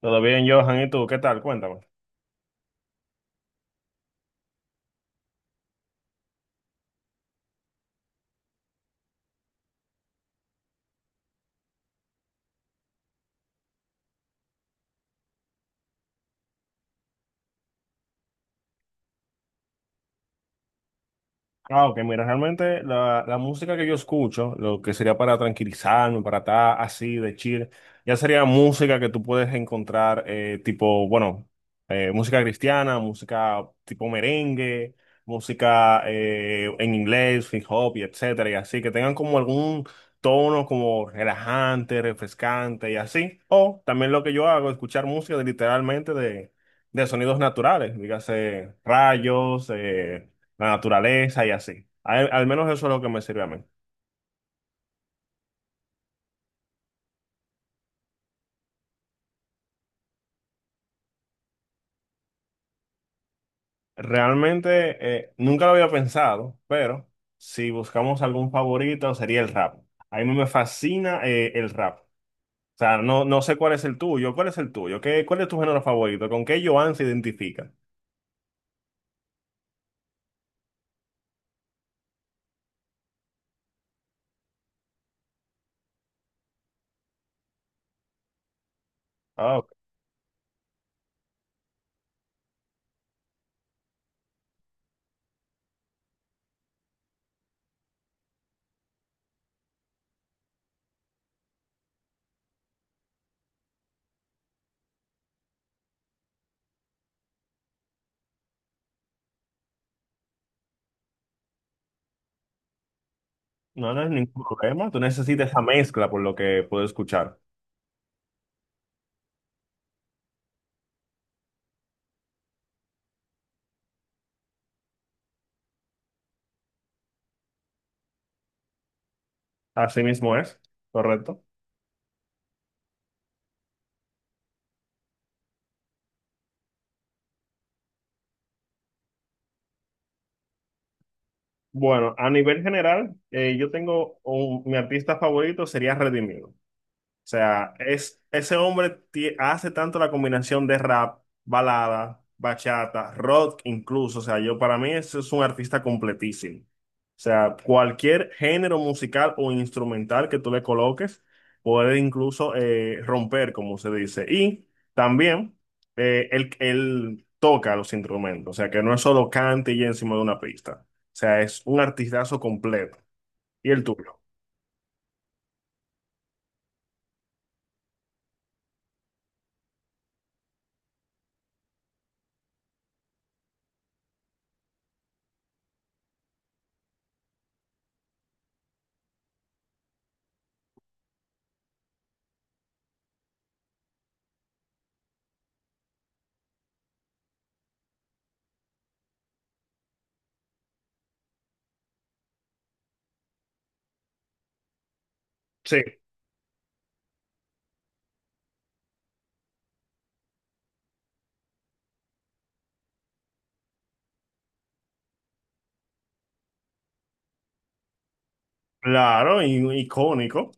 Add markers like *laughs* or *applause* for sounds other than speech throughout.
Todo bien, Johan, ¿y tú? ¿Qué tal? Cuéntame. Ah, ok, mira, realmente la música que yo escucho, lo que sería para tranquilizarme, para estar así de chill, ya sería música que tú puedes encontrar, tipo, música cristiana, música tipo merengue, música en inglés, hip hop y etcétera, y así, que tengan como algún tono como relajante, refrescante y así. O también lo que yo hago, escuchar música de, literalmente, de sonidos naturales, dígase rayos, la naturaleza y así. Al menos eso es lo que me sirve a mí. Realmente nunca lo había pensado, pero si buscamos algún favorito sería el rap. A mí me fascina el rap. O sea, no sé cuál es el tuyo, ¿Qué, cuál es tu género favorito, con qué Joan se identifica? Ah, ok. No, no es ningún problema, tú necesitas esa mezcla por lo que puedo escuchar. Así mismo es, correcto. Bueno, a nivel general, mi artista favorito sería Redimido. O sea, hace tanto la combinación de rap, balada, bachata, rock incluso. O sea, yo para mí eso es un artista completísimo. O sea, cualquier género musical o instrumental que tú le coloques puede incluso romper, como se dice. Y también él toca los instrumentos. O sea, que no es solo cante y encima de una pista. O sea, es un artistazo completo. ¿Y el tuyo? Sí, claro, y icónico.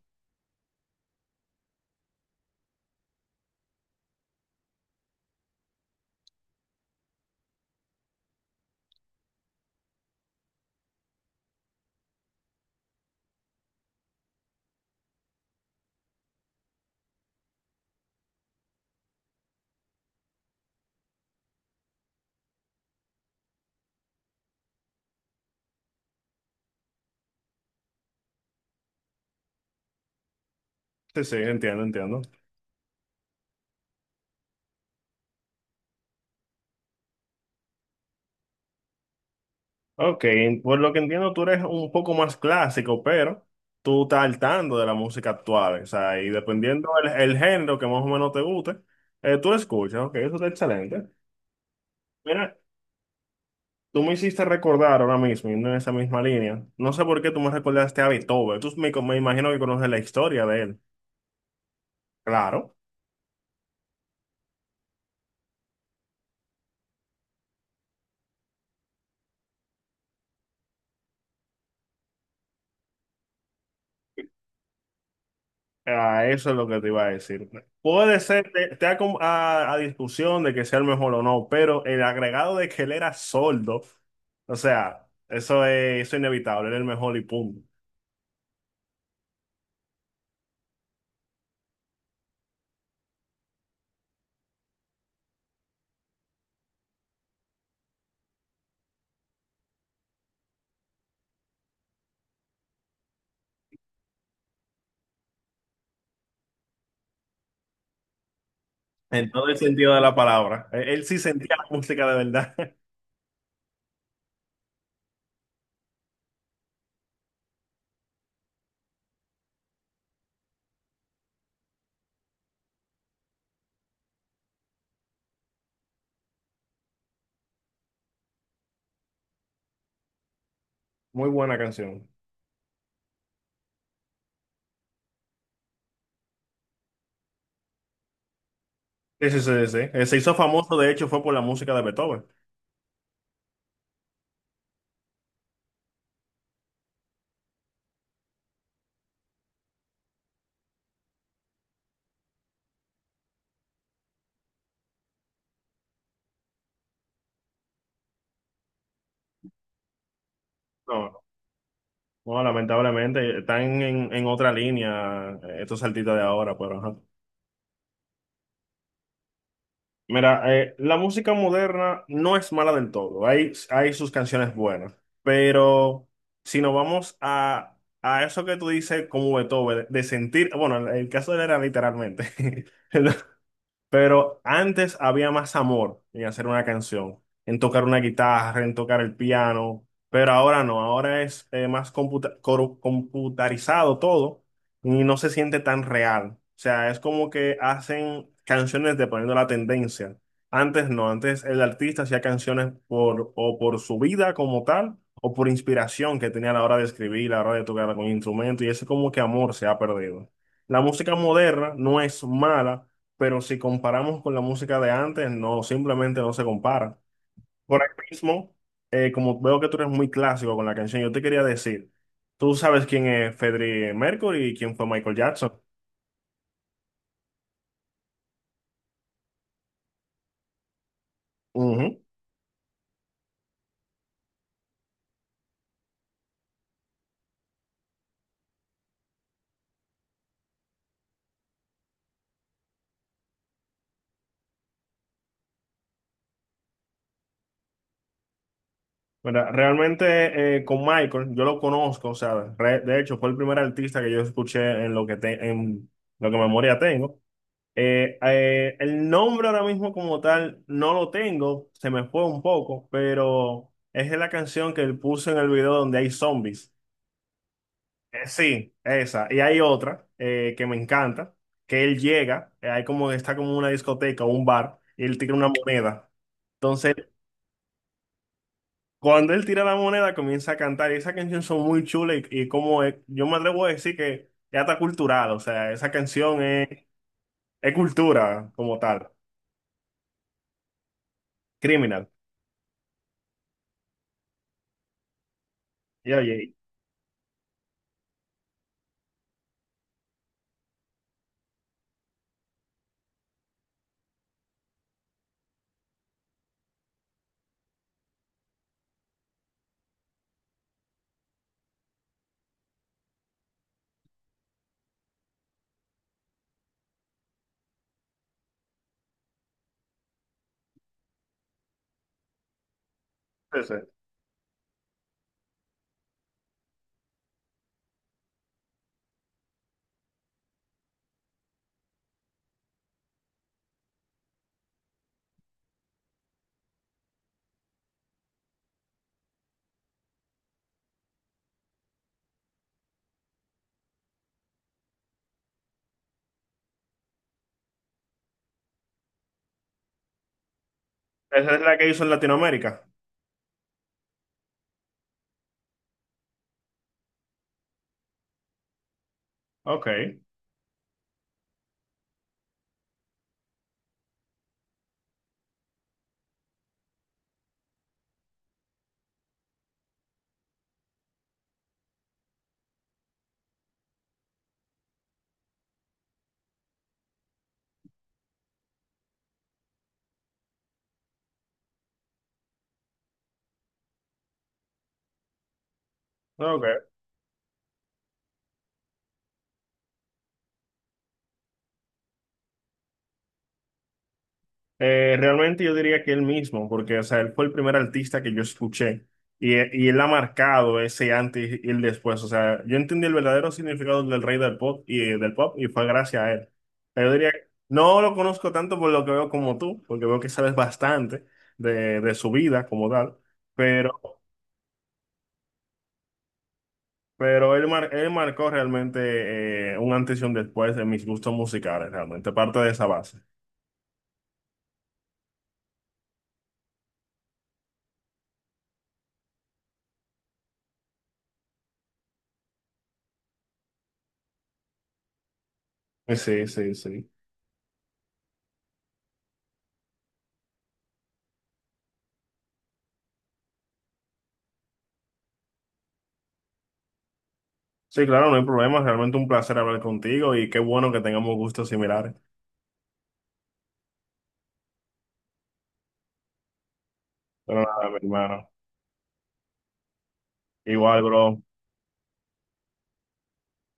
Sí, sí, entiendo, entiendo. Ok, por lo que entiendo, tú eres un poco más clásico, pero tú estás al tanto de la música actual, o sea, y dependiendo el género que más o menos te guste, tú lo escuchas, ok, eso está excelente. Mira, tú me hiciste recordar ahora mismo, yendo en esa misma línea, no sé por qué tú me recordaste a Beethoven, me imagino que conoces la historia de él, claro. Ah, eso es lo que te iba a decir. Puede ser, te da como a discusión de que sea el mejor o no, pero el agregado de que él era sordo, o sea, eso es inevitable, él era el mejor y punto. En todo el sentido de la palabra. Él sí sentía la música de verdad. *laughs* Muy buena canción. Sí, sí, sí, sí. Se hizo famoso, de hecho, fue por la música de Beethoven. No, no, lamentablemente, están en otra línea estos artistas de ahora, pero ajá. Mira, la música moderna no es mala del todo. Hay sus canciones buenas. Pero si nos vamos a eso que tú dices como Beethoven, de sentir, bueno, el caso de él era literalmente. *laughs* Pero antes había más amor en hacer una canción, en tocar una guitarra, en tocar el piano, pero ahora no, ahora es computarizado todo y no se siente tan real. O sea, es como que hacen canciones dependiendo de la tendencia. Antes no, antes el artista hacía canciones por, o por su vida como tal, o por inspiración que tenía a la hora de escribir, a la hora de tocar con instrumento, y ese como que amor se ha perdido. La música moderna no es mala pero si comparamos con la música de antes, no, simplemente no se compara. Por ahí mismo, como veo que tú eres muy clásico con la canción, yo te quería decir, tú sabes quién es Freddie Mercury y quién fue Michael Jackson. Ujú. ¿Verdad? Realmente con Michael, yo lo conozco, o sea, de hecho fue el primer artista que yo escuché en lo que, en lo que memoria tengo. El nombre ahora mismo como tal no lo tengo, se me fue un poco, pero es la canción que él puso en el video donde hay zombies. Sí, esa. Y hay otra que me encanta, que él llega, hay como está como una discoteca o un bar, y él tira una moneda. Entonces, cuando él tira la moneda, comienza a cantar. Y esa canción son muy chulas y, yo me atrevo a decir que ya está cultural, o sea, esa canción es cultura como tal, criminal. Y oye, sí, sí. Esa es la que hizo en Latinoamérica. Ok, ok. Realmente yo diría que él mismo, porque o sea, él fue el primer artista que yo escuché y él ha marcado ese antes y el después. O sea, yo entendí el verdadero significado del rey del pop y fue gracias a él. Yo diría, no lo conozco tanto por lo que veo como tú, porque veo que sabes bastante de su vida como tal, pero, pero él marcó realmente un antes y un después en mis gustos musicales, realmente parte de esa base. Sí, sí, sí. Sí, claro, no hay problema. Realmente un placer hablar contigo y qué bueno que tengamos gustos similares. Pero nada, mi hermano. Igual, bro.